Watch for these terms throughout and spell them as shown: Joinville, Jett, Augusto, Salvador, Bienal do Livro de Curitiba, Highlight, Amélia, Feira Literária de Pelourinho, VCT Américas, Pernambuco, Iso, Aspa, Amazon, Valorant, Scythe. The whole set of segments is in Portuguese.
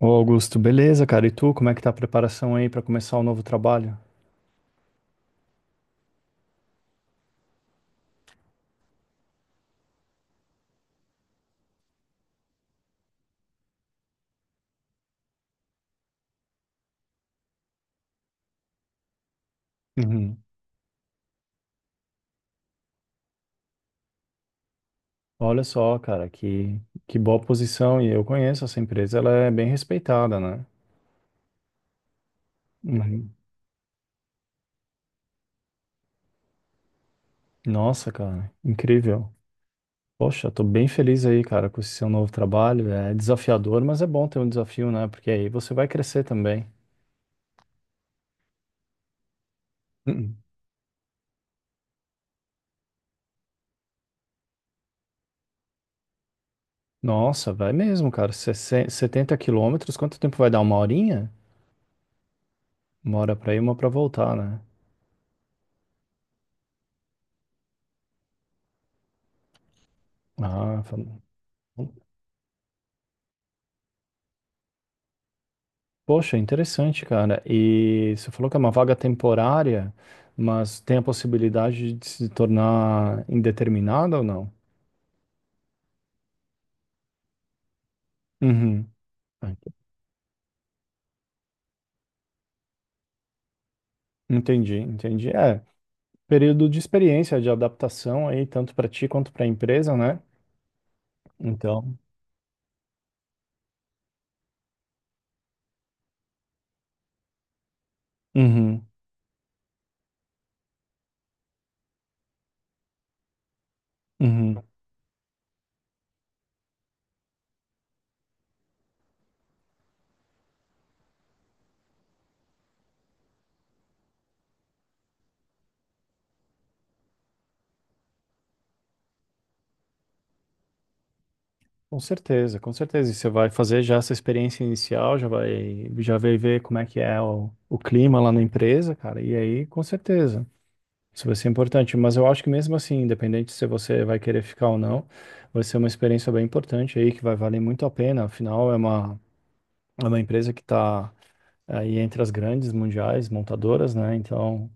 Ô Augusto, beleza, cara? E tu, como é que tá a preparação aí pra começar o novo trabalho? Uhum. Olha só, cara, que boa posição. E eu conheço essa empresa, ela é bem respeitada, né? Uhum. Nossa, cara, incrível. Poxa, tô bem feliz aí, cara, com esse seu novo trabalho. É desafiador, mas é bom ter um desafio, né? Porque aí você vai crescer também. Uhum. Nossa, vai mesmo, cara. 60 70 quilômetros, quanto tempo vai dar? Uma horinha? Uma hora pra ir, uma pra voltar, né? Ah, fa- Poxa, interessante, cara. E você falou que é uma vaga temporária, mas tem a possibilidade de se tornar indeterminada ou não? Uhum. Entendi, entendi. É, período de experiência, de adaptação aí, tanto para ti quanto para a empresa, né? Então, uhum, uhum. Com certeza, com certeza. E você vai fazer já essa experiência inicial, já vai ver como é que é o clima lá na empresa, cara. E aí, com certeza. Isso vai ser importante, mas eu acho que mesmo assim, independente se você vai querer ficar ou não, vai ser uma experiência bem importante aí, que vai valer muito a pena. Afinal, é uma empresa que está aí entre as grandes mundiais montadoras, né? Então,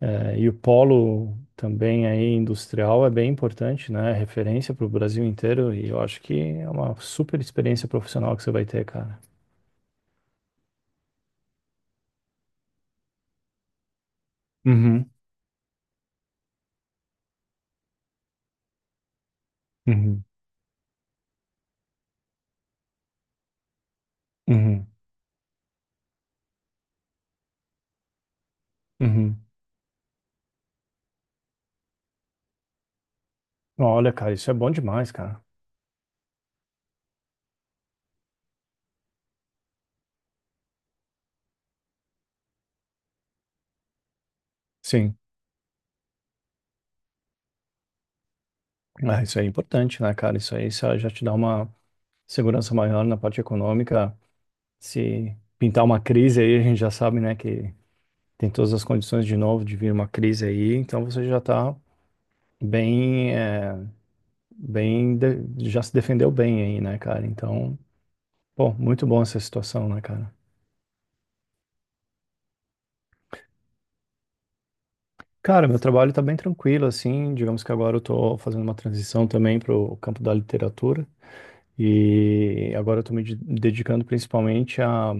é, e o polo também aí industrial é bem importante, né? É referência para o Brasil inteiro, e eu acho que é uma super experiência profissional que você vai ter, cara. Uhum, uhum, uhum, uhum. Olha, cara, isso é bom demais, cara. Sim. Ah, isso é importante, né, cara? Isso aí só já te dá uma segurança maior na parte econômica. Se pintar uma crise aí, a gente já sabe, né, que tem todas as condições de novo de vir uma crise aí, então você já tá bem, é, bem, já se defendeu bem aí, né, cara? Então, pô, muito bom essa situação, né, cara? Cara, meu trabalho tá bem tranquilo, assim, digamos que agora eu tô fazendo uma transição também pro campo da literatura. E agora eu estou me dedicando principalmente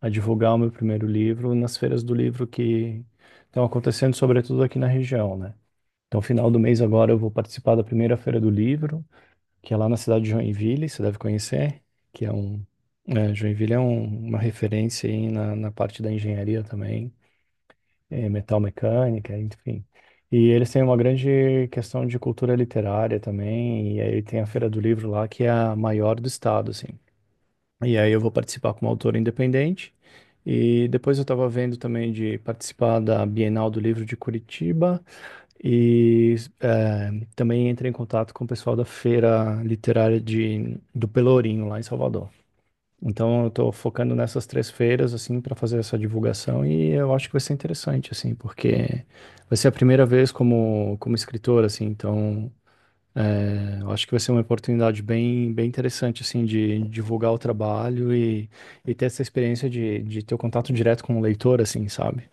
a divulgar o meu primeiro livro nas feiras do livro que estão acontecendo, sobretudo aqui na região, né? Então, final do mês agora eu vou participar da primeira feira do livro, que é lá na cidade de Joinville, você deve conhecer, que é um é, Joinville é uma referência aí na parte da engenharia também, é, metal mecânica, enfim. E eles têm uma grande questão de cultura literária também, e aí tem a Feira do Livro lá, que é a maior do estado, assim. E aí eu vou participar como autor independente. E depois eu estava vendo também de participar da Bienal do Livro de Curitiba e também entrei em contato com o pessoal da Feira Literária do Pelourinho, lá em Salvador. Então eu estou focando nessas três feiras, assim, para fazer essa divulgação e eu acho que vai ser interessante, assim, porque vai ser a primeira vez como escritor, assim, então é, eu acho que vai ser uma oportunidade bem interessante, assim, de divulgar o trabalho e ter essa experiência de ter o contato direto com o leitor, assim, sabe?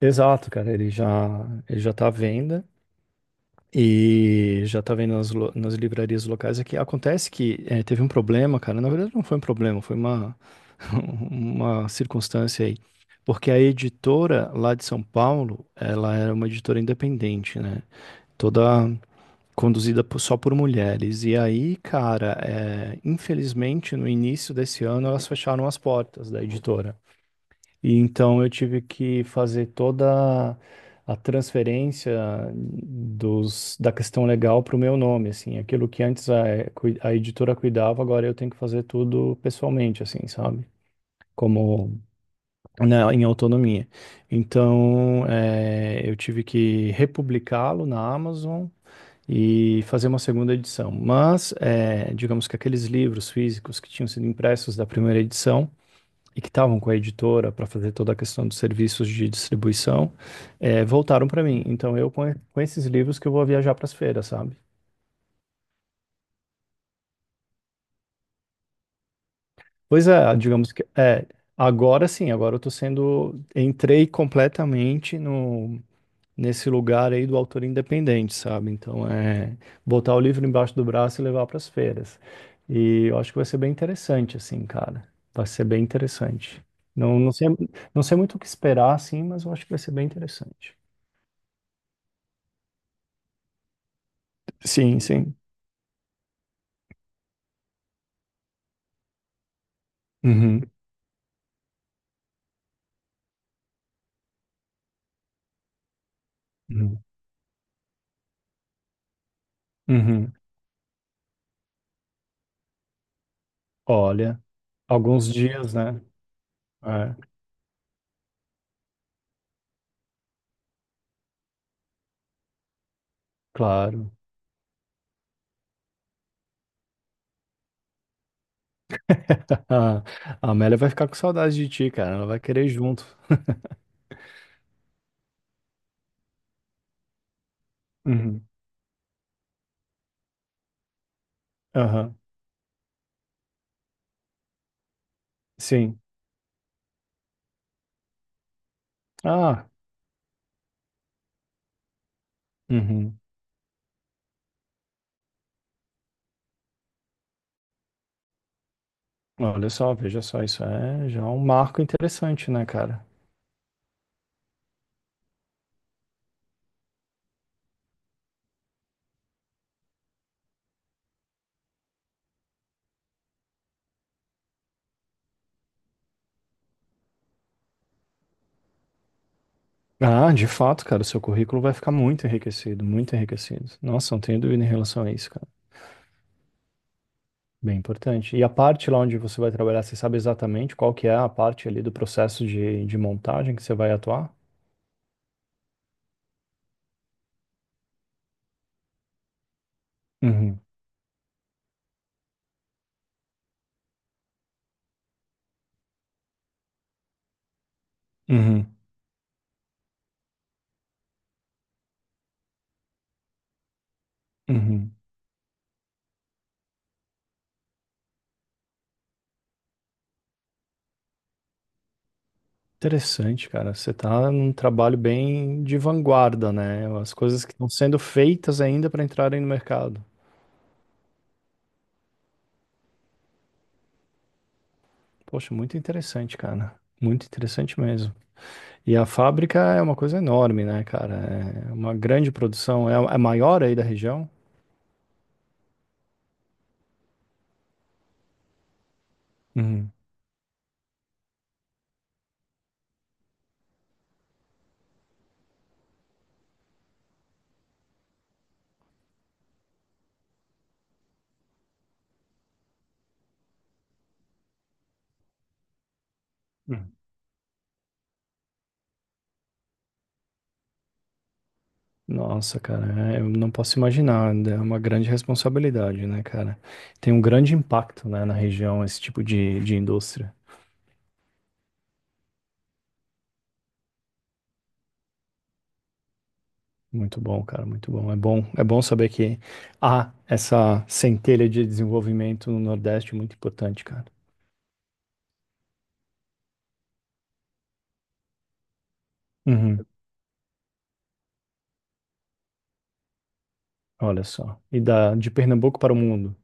Exato, cara, ele já tá à venda e já tá vendo nas, nas livrarias locais aqui. Acontece que é, teve um problema, cara, na verdade não foi um problema, uma circunstância aí. Porque a editora lá de São Paulo, ela era uma editora independente, né? Toda conduzida só por mulheres. E aí, cara, é, infelizmente, no início desse ano, elas fecharam as portas da editora. E então eu tive que fazer toda a transferência da questão legal para o meu nome, assim. Aquilo que antes a editora cuidava, agora eu tenho que fazer tudo pessoalmente, assim, sabe? Como, né, em autonomia. Então, é, eu tive que republicá-lo na Amazon, e fazer uma segunda edição. Mas, digamos que aqueles livros físicos que tinham sido impressos da primeira edição e que estavam com a editora para fazer toda a questão dos serviços de distribuição, voltaram para mim. Então, com esses livros que eu vou viajar para as feiras, sabe? Pois é, agora sim, agora eu tô sendo, entrei completamente no nesse lugar aí do autor independente, sabe? Então é botar o livro embaixo do braço e levar para as feiras. E eu acho que vai ser bem interessante, assim, cara. Vai ser bem interessante. Não, não sei, não sei muito o que esperar, assim, mas eu acho que vai ser bem interessante. Sim, sim. Uhum, uhum, uhum. Olha, alguns dias, né? É, claro. A Amélia vai ficar com saudade de ti, cara. Ela vai querer ir junto. Uhum. Aham. Sim. Ah. Uhum. Olha só, veja só, isso é já um marco interessante, né, cara? Ah, de fato, cara, o seu currículo vai ficar muito enriquecido, muito enriquecido. Nossa, não tenho dúvida em relação a isso, cara. Bem importante. E a parte lá onde você vai trabalhar, você sabe exatamente qual que é a parte ali do processo de montagem que você vai atuar? Uhum, uhum, uhum. Interessante, cara. Você tá num trabalho bem de vanguarda, né? As coisas que estão sendo feitas ainda para entrarem no mercado. Poxa, muito interessante, cara. Muito interessante mesmo. E a fábrica é uma coisa enorme, né, cara? É uma grande produção. É a maior aí da região? Uhum. Uhum. Nossa, cara, é, eu não posso imaginar. É uma grande responsabilidade, né, cara? Tem um grande impacto, né, na região esse tipo de indústria. Muito bom, cara, muito bom. É bom, é bom saber que há essa centelha de desenvolvimento no Nordeste muito importante, cara. Uhum. Olha só. E de Pernambuco para o mundo.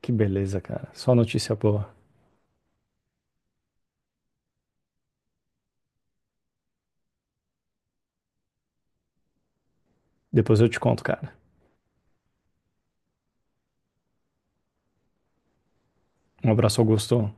Que beleza, cara. Só notícia boa. Depois eu te conto, cara. Um abraço, Augusto.